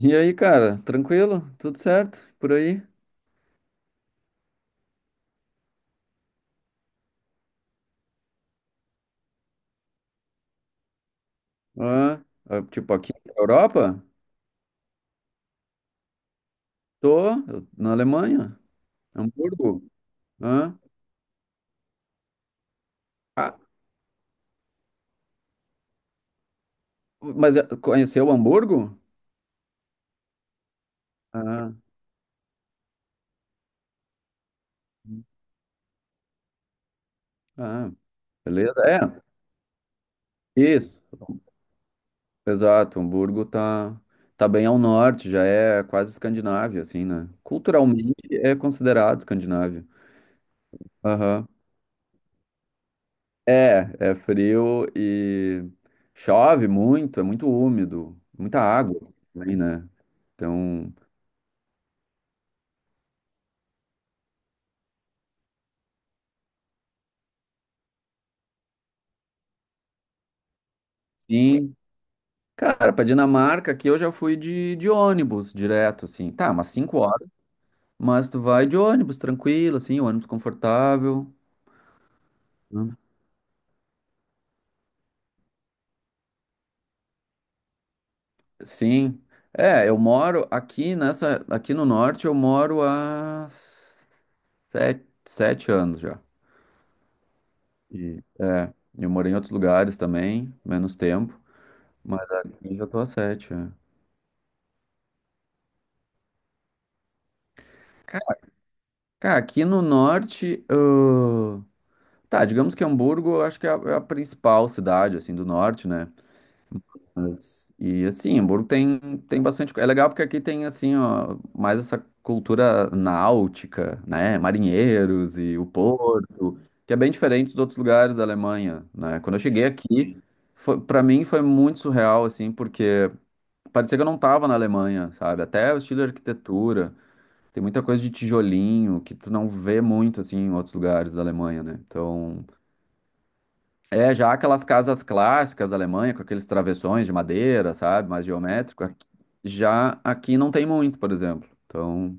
E aí, cara, tranquilo? Tudo certo? Por aí? Ah, tipo, aqui na Europa? Tô, na Alemanha, Hamburgo. Ah, ah, mas conheceu Hamburgo? Ah, ah, beleza, é, isso, exato, Hamburgo tá bem ao norte, já é quase Escandinávia, assim, né? Culturalmente é considerado Escandinávia. É, é frio e chove muito, é muito úmido, muita água também, né? Então, sim. Cara, pra Dinamarca aqui eu já fui de ônibus direto, assim. Tá, umas 5 horas, mas tu vai de ônibus tranquilo, assim, ônibus confortável, né? Sim. É, eu moro aqui nessa, aqui no norte, eu moro há sete anos já. E, é, eu morei em outros lugares também, menos tempo. Mas aqui já tô a 7, é. Ca- Cara, aqui no norte, tá, digamos que Hamburgo, eu acho que é a, é a principal cidade, assim, do norte, né? Mas, e assim, Hamburgo tem bastante, é legal porque aqui tem, assim, ó, mais essa cultura náutica, né? Marinheiros e o porto, que é bem diferente dos outros lugares da Alemanha, né? Quando eu cheguei aqui, foi, para mim foi muito surreal, assim, porque parecia que eu não tava na Alemanha, sabe? Até o estilo de arquitetura. Tem muita coisa de tijolinho que tu não vê muito assim em outros lugares da Alemanha, né? Então, é já aquelas casas clássicas da Alemanha com aqueles travessões de madeira, sabe, mais geométrico, já aqui não tem muito, por exemplo. Então,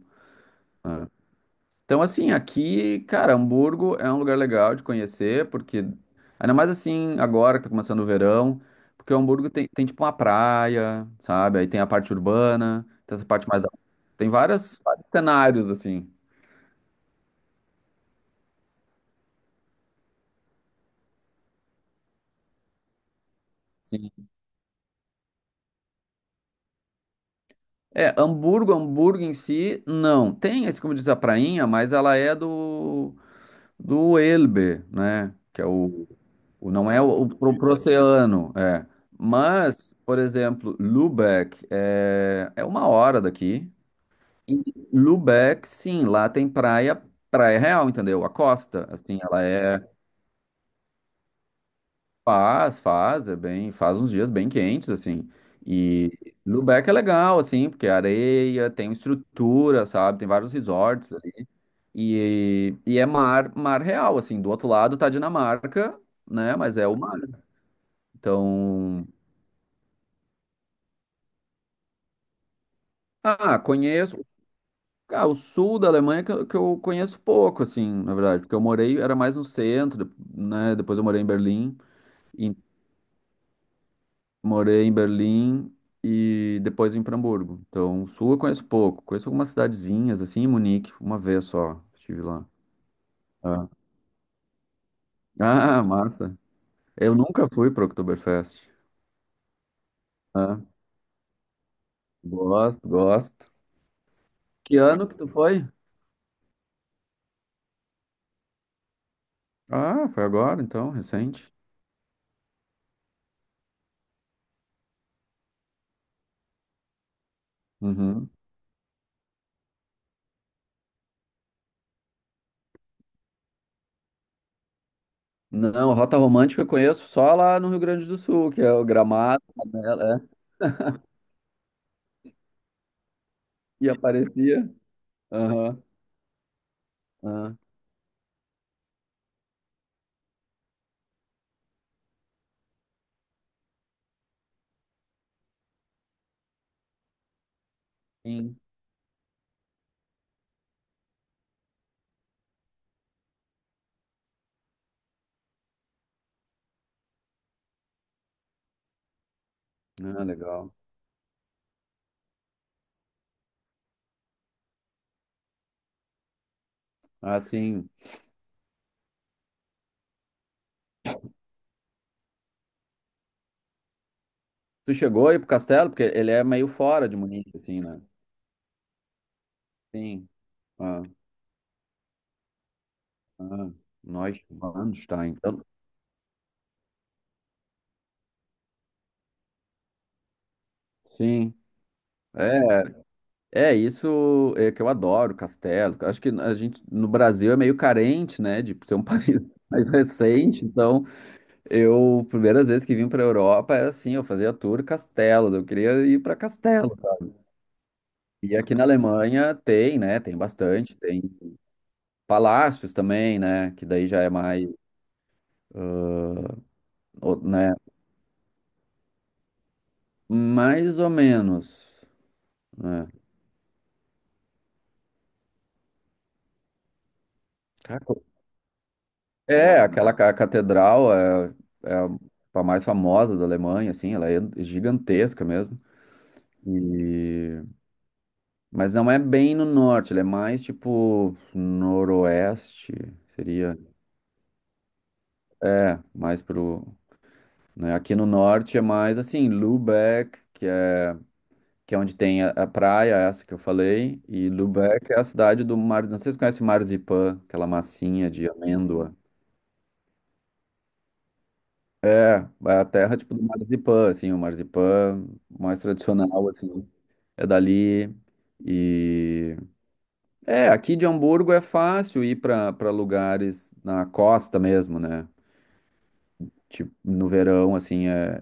então assim, aqui, cara, Hamburgo é um lugar legal de conhecer, porque ainda mais assim agora que tá começando o verão, porque Hamburgo tem tipo uma praia, sabe? Aí tem a parte urbana, tem essa parte mais da... Tem vários, vários cenários assim. Sim. É, Hamburgo, Hamburgo em si, não. Tem, assim como diz, a prainha, mas ela é do Elbe, né? Que é o não é o, o pro oceano, é. Mas, por exemplo, Lübeck é, é uma hora daqui. E Lübeck, sim, lá tem praia, praia real, entendeu? A costa, assim, ela é... Faz, faz, é bem, faz uns dias bem quentes, assim. E Lubeck é legal, assim, porque é areia, tem estrutura, sabe? Tem vários resorts ali. E é mar, mar real, assim. Do outro lado tá Dinamarca, né? Mas é o mar. Então, ah, conheço. Ah, o sul da Alemanha que, que eu conheço pouco, assim, na verdade, porque eu morei, era mais no centro, né? Depois eu morei em Berlim, morei em Berlim e depois vim para Hamburgo. Então, o sul eu conheço pouco. Conheço algumas cidadezinhas, assim, em Munique, uma vez só estive lá. Ah, ah, massa. Eu nunca fui para Oktoberfest. Ah, gosto, gosto. Que ano que tu foi? Ah, foi agora, então, recente. Uhum. Não, Rota Romântica eu conheço só lá no Rio Grande do Sul, que é o Gramado, Canela, é, e aparecia. Aham, aham, sim. Ah, legal. Ah, sim. Tu chegou aí pro castelo? Porque ele é meio fora de Munique, assim, né? Sim. Ah, ah, nós, Manstein. Então, sim. É, é isso é que eu adoro, castelo. Acho que a gente no Brasil é meio carente, né, de ser um país mais recente. Então, eu primeiras vezes que vim para a Europa era assim, eu fazia tour castelos, eu queria ir para castelo. E aqui na Alemanha tem, né, tem bastante, tem palácios também, né, que daí já é mais, né, mais ou menos, né? É, aquela catedral é, é a mais famosa da Alemanha, assim, ela é gigantesca mesmo. E... mas não é bem no norte, ela é mais tipo noroeste, seria. É, mais pro... né, aqui no norte é mais assim, Lübeck, que é onde tem a praia, essa que eu falei, e Lübeck é a cidade do mar. Não sei se você conhece Marzipan, aquela massinha de amêndoa. É, é a terra tipo do Marzipan, assim, o Marzipan mais tradicional, assim, é dali. E é, aqui de Hamburgo é fácil ir para lugares na costa mesmo, né? Tipo, no verão, assim, é,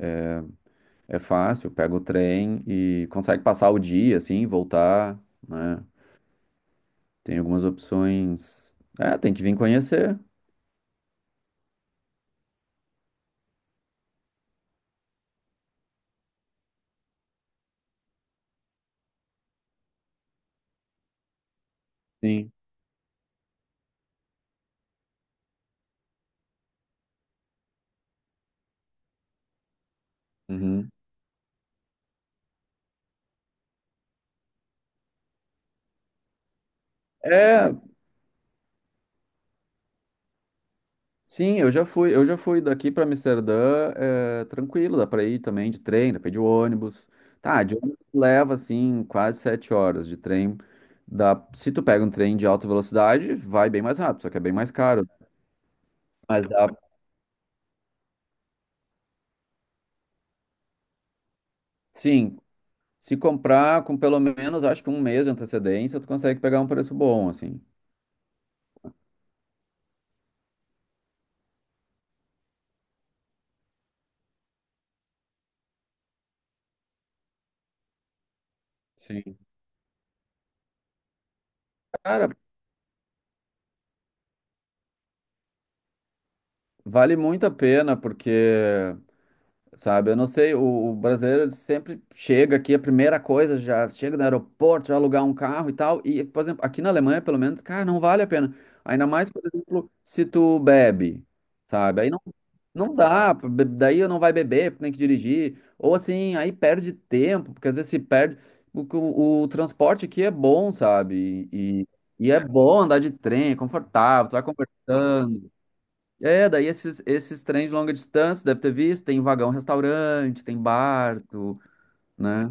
é, é fácil, pega o trem e consegue passar o dia, assim, voltar, né? Tem algumas opções. É, tem que vir conhecer. Sim. Uhum. É, sim, eu já fui daqui para Amsterdã, é, tranquilo, dá para ir também de trem, dá para ir de ônibus. Tá, de ônibus leva assim quase 7 horas de trem. Dá, se tu pega um trem de alta velocidade, vai bem mais rápido, só que é bem mais caro. Mas dá, sim, se comprar com pelo menos, acho que um mês de antecedência, tu consegue pegar um preço bom, assim. Sim. Cara, vale muito a pena, porque sabe, eu não sei, o brasileiro ele sempre chega aqui, a primeira coisa, já chega no aeroporto, já alugar um carro e tal. E, por exemplo, aqui na Alemanha, pelo menos, cara, não vale a pena. Ainda mais, por exemplo, se tu bebe, sabe? Aí não, não dá, daí não vai beber, porque tem que dirigir. Ou assim, aí perde tempo, porque às vezes se perde. O transporte aqui é bom, sabe? E, e é bom andar de trem, é confortável, tu vai conversando. É, daí esses, esses trens de longa distância, deve ter visto, tem vagão restaurante, tem barco, né?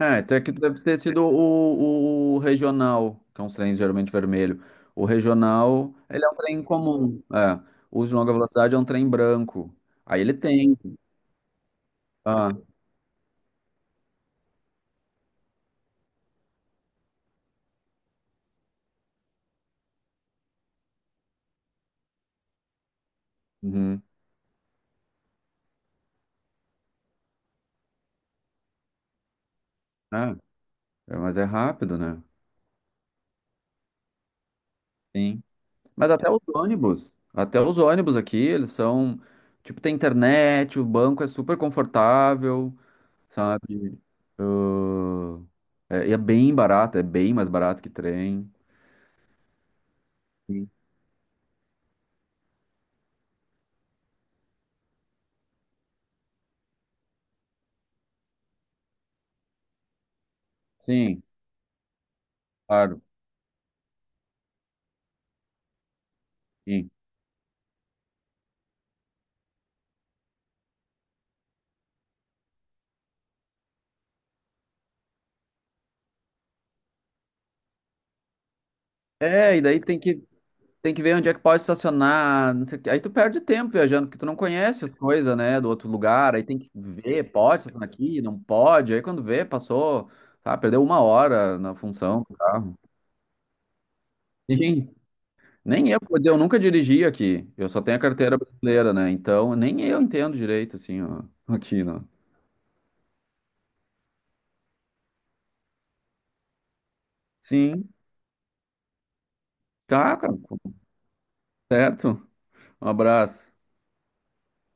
É, então aqui deve ter sido o regional, que é uns trens geralmente vermelho. O regional, ele é um trem comum, é. O de longa velocidade é um trem branco. Aí ele tem. Ah, uhum, é, é, mas é rápido, né? Sim. Mas até os ônibus aqui, eles são, tipo, tem internet, o banco é super confortável, sabe? Ah, é, e é bem barato, é bem mais barato que trem. Sim, sim, claro. Sim. É, e daí tem que ver onde é que pode estacionar, não sei o quê. Aí tu perde tempo viajando, porque tu não conhece as coisas, né, do outro lugar. Aí tem que ver, pode estacionar aqui, não pode. Aí quando vê, passou, tá, perdeu uma hora na função do carro. Sim. Nem eu, porque eu nunca dirigi aqui. Eu só tenho a carteira brasileira, né? Então, nem eu entendo direito, assim, ó, aqui, né? Sim. Tá, cara. Certo? Um abraço.